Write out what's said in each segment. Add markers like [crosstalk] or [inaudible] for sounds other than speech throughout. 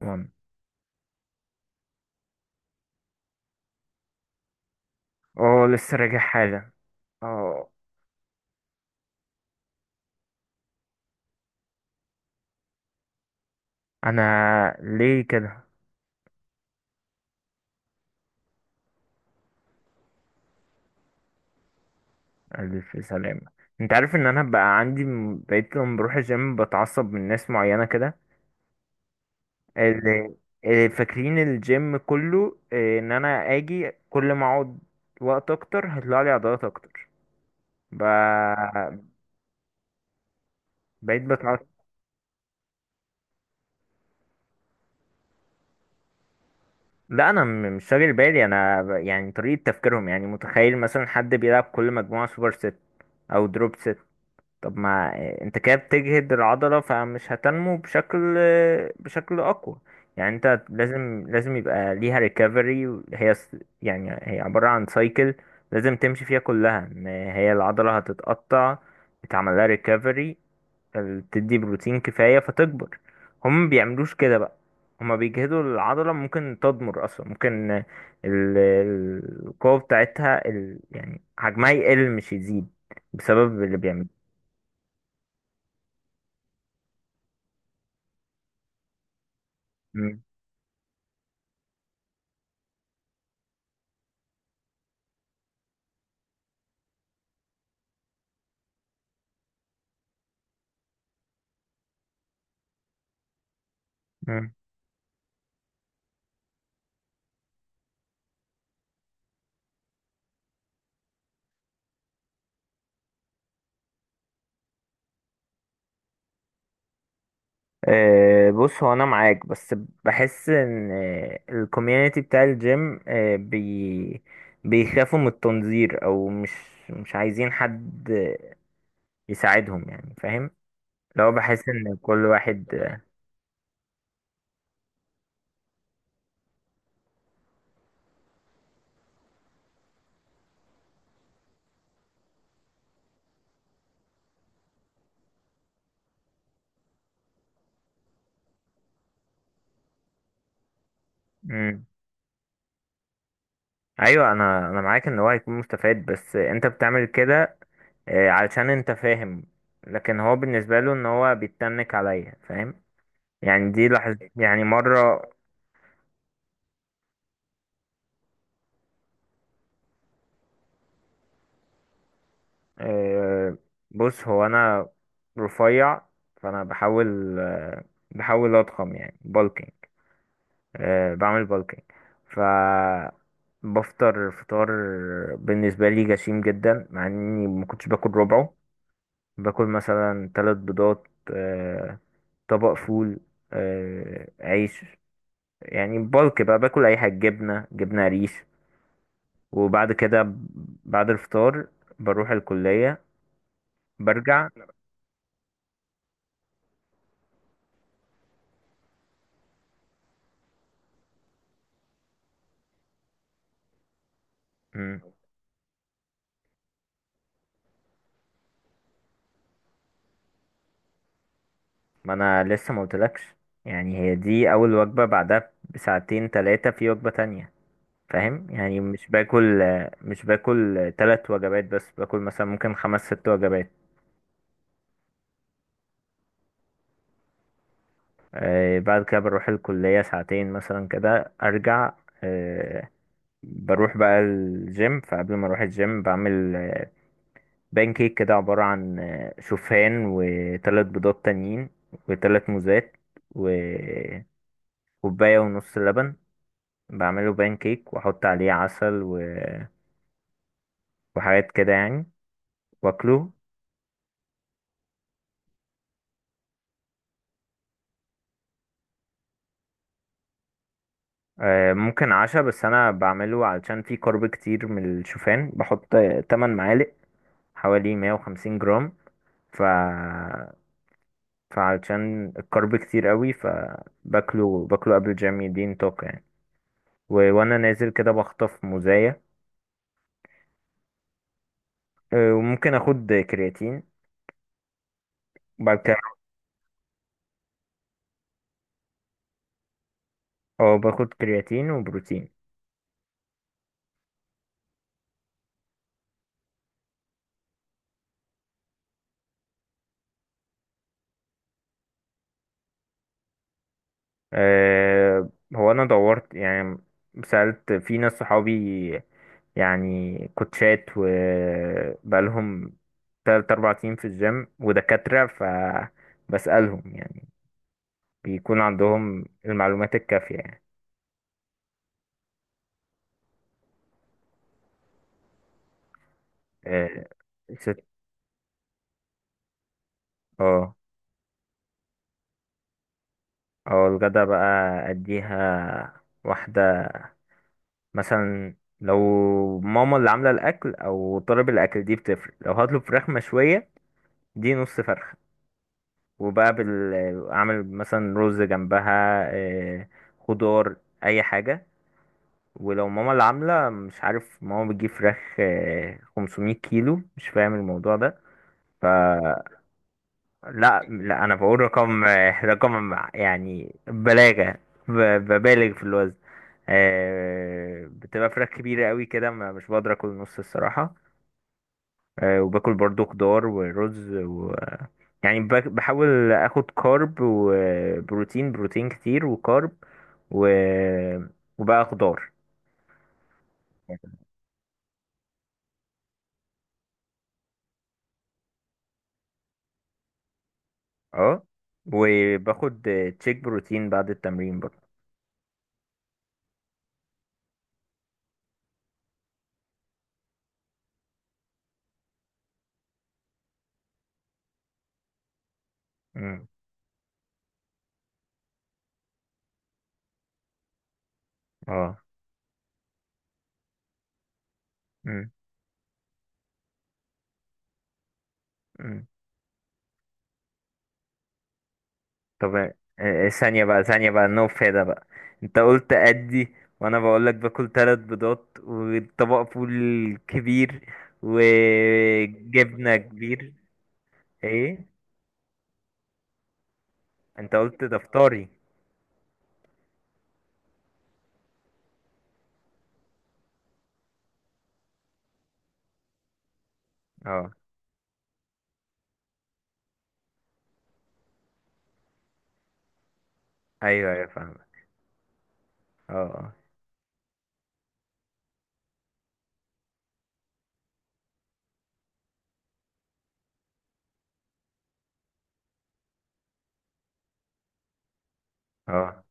وان اه لسه راجع حالا. اه انا ليه كده؟ الف سلامة. انت عارف ان انا بقى عندي بقيت لما بروح الجيم بتعصب من ناس معينة كده، اللي اللي فاكرين الجيم كله، ان انا اجي كل ما اقعد وقت اكتر هيطلع لي عضلات اكتر. ب... بقيت بتعصب. لا، انا مش شاغل بالي، انا يعني طريقة تفكيرهم، يعني متخيل مثلا حد بيلعب كل مجموعة سوبر ست او دروب ست. طب ما، آه، انت كده بتجهد العضلة فمش هتنمو بشكل بشكل أقوى. يعني انت لازم يبقى ليها ريكفري هي يعني هي عبارة عن سايكل، لازم تمشي فيها كلها، ان هي العضلة هتتقطع يتعمل لها ريكفري تدي بروتين كفاية فتكبر. هم ما بيعملوش كده بقى، هما بيجهدوا العضلة ممكن تضمر أصلا، ممكن القوة بتاعتها يعني حجمها يقل مش يزيد بسبب اللي بيعمله. مم. آه، بص هو انا معاك، بس بحس ان الكوميونتي بتاع الجيم آه، بي بيخافوا من التنظير، او مش عايزين حد يساعدهم، يعني فاهم، لو بحس ان كل واحد. مم. ايوه، انا معاك ان هو هيكون مستفاد، بس انت بتعمل كده علشان انت فاهم. لكن هو بالنسبه له ان هو بيتنك عليا، فاهم؟ يعني دي لحظة يعني مرة. آه، بص هو انا رفيع، فانا بحاول بحاول اضخم، يعني بالكينج. أه، بعمل بالكينج. ف، بفطر فطار بالنسبه لي جسيم جدا، مع اني ما كنتش باكل ربعه. باكل مثلا ثلاث بيضات، آه، طبق فول، آه، عيش، يعني بالك بقى باكل اي حاجه، جبنه، جبنه قريش. وبعد كده، بعد الفطار بروح الكليه، برجع. ما انا لسه ما قلتلكش، يعني هي دي اول وجبة، بعدها بساعتين ثلاثة في وجبة تانية، فاهم؟ يعني مش باكل، مش باكل ثلاث وجبات، بس باكل مثلا ممكن خمس ست وجبات. آه، بعد كده بروح الكلية ساعتين مثلا كده ارجع. آه، بروح بقى الجيم، فقبل ما اروح الجيم بعمل بانكيك كده، عبارة عن شوفان وثلاث بيضات تانيين وثلاث موزات وكوباية ونص لبن. بعمله بان كيك واحط عليه عسل وحاجات كده يعني، واكله. آه، ممكن عشا، بس انا بعمله علشان فيه كارب كتير. من الشوفان بحط 8 معالق، حوالي 150 جرام. ف فعلشان الكارب كتير قوي فباكله، باكله قبل الجيم، يديني طاقة يعني. وانا نازل كده بخطف موزاية. آه، وممكن اخد كرياتين. وبعد كده، اه باخد كرياتين وبروتين. آه، هو انا دورت يعني، سألت في ناس صحابي، يعني كوتشات وبقالهم 3 أو 4 سنين في الجيم ودكاترة، فبسألهم يعني بيكون عندهم المعلومات الكافية يعني. آه، ست. اه. اه الغدا بقى، أديها واحدة، مثلا لو ماما اللي عاملة الأكل أو طالب الأكل دي بتفرق. لو هطلب فراخ مشوية، دي نص فرخة، وبقى اعمل مثلا رز جنبها، آه، خضار، اي حاجه. ولو ماما اللي عامله، مش عارف، ماما بتجيب فراخ، آه، 500 كيلو، مش فاهم الموضوع ده. ف لا لا، انا بقول رقم، آه، [laughs] رقم يعني بلاغه. ب... ببالغ في الوزن. آه، بتبقى فراخ كبيره قوي كده، مش بقدر اكل نص الصراحه. آه، وباكل برضو خضار ورز و، يعني بحاول اخد كارب وبروتين، بروتين كتير وكارب و... وبقى خضار. اه، وباخد تشيك بروتين بعد التمرين برضه. امم. اه. امم. امم. طب، آه، ثانية بقى، ثانية بقى، no فايدة بقى. انت قلت ادي، وانا بقولك باكل ثلاث بيضات وطبق فول كبير وجبنة كبير. ايه، انت قلت ده فطاري. اه. ايوه ايوه فاهم. اه. اه. اه.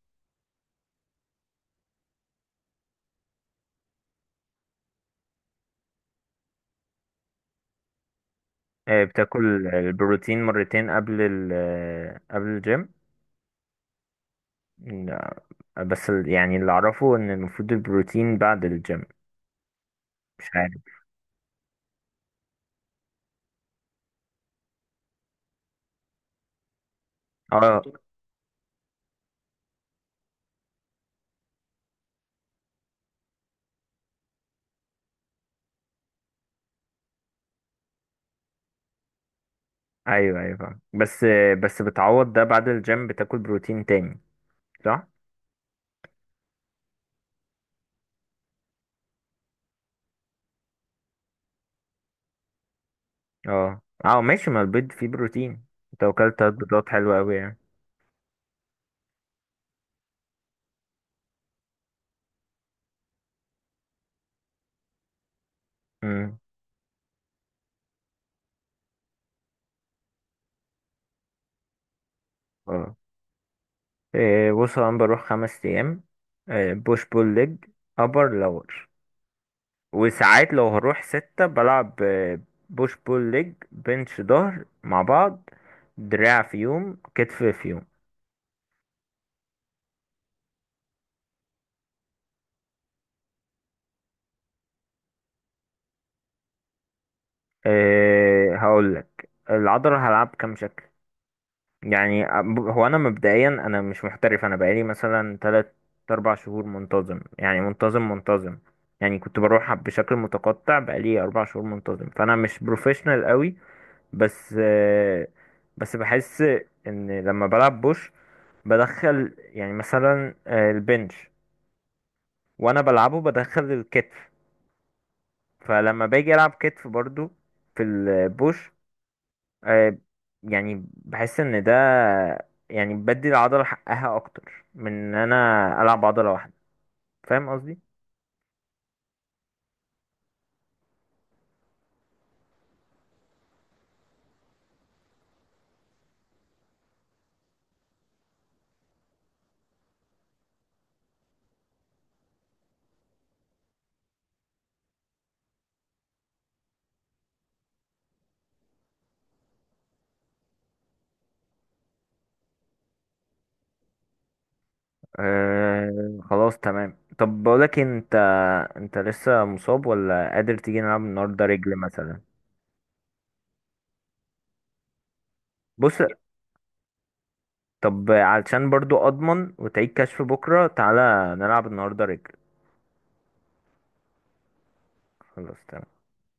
آه، بتاكل البروتين مرتين قبل قبل الجيم؟ لا، بس يعني اللي اعرفه ان المفروض البروتين بعد الجيم. مش عارف. اه. ايوه ايوه فاهم، بس، بس بتعوض ده بعد الجيم، بتاكل بروتين تاني، صح؟ اه. اه ماشي، ما البيض فيه بروتين، انت اكلت ثلاث بيضات حلوه قوي يعني. امم. اه. إيه، بص انا بروح 5 ايام. إيه، بوش بول ليج، ابر لور. وساعات لو هروح ستة بلعب، آه، بوش بول ليج، بنش ظهر مع بعض، دراع في يوم، كتف في يوم. أه، هقولك العضلة هلعب كام شكل. يعني هو أنا مبدئيا أنا مش محترف، أنا بقالي مثلا 3 أو 4 شهور منتظم، يعني منتظم منتظم. يعني كنت بروح بشكل متقطع، بقالي 4 شهور منتظم، فأنا مش بروفيشنال قوي. بس أه، بس بحس إن لما بلعب بوش بدخل، يعني مثلا آه، البنش، وانا بلعبه بدخل الكتف، فلما باجي العب كتف برضو في البوش. آه، يعني بحس ان ده يعني بدي العضلة حقها اكتر من ان انا العب عضلة واحدة، فاهم قصدي؟ آه، خلاص تمام. طب بقولك إيه، انت لسه مصاب ولا قادر تيجي نلعب النهارده رجل مثلا؟ بص، طب علشان برضو اضمن وتعيد كشف بكره، تعالى نلعب النهارده رجل. خلاص تمام.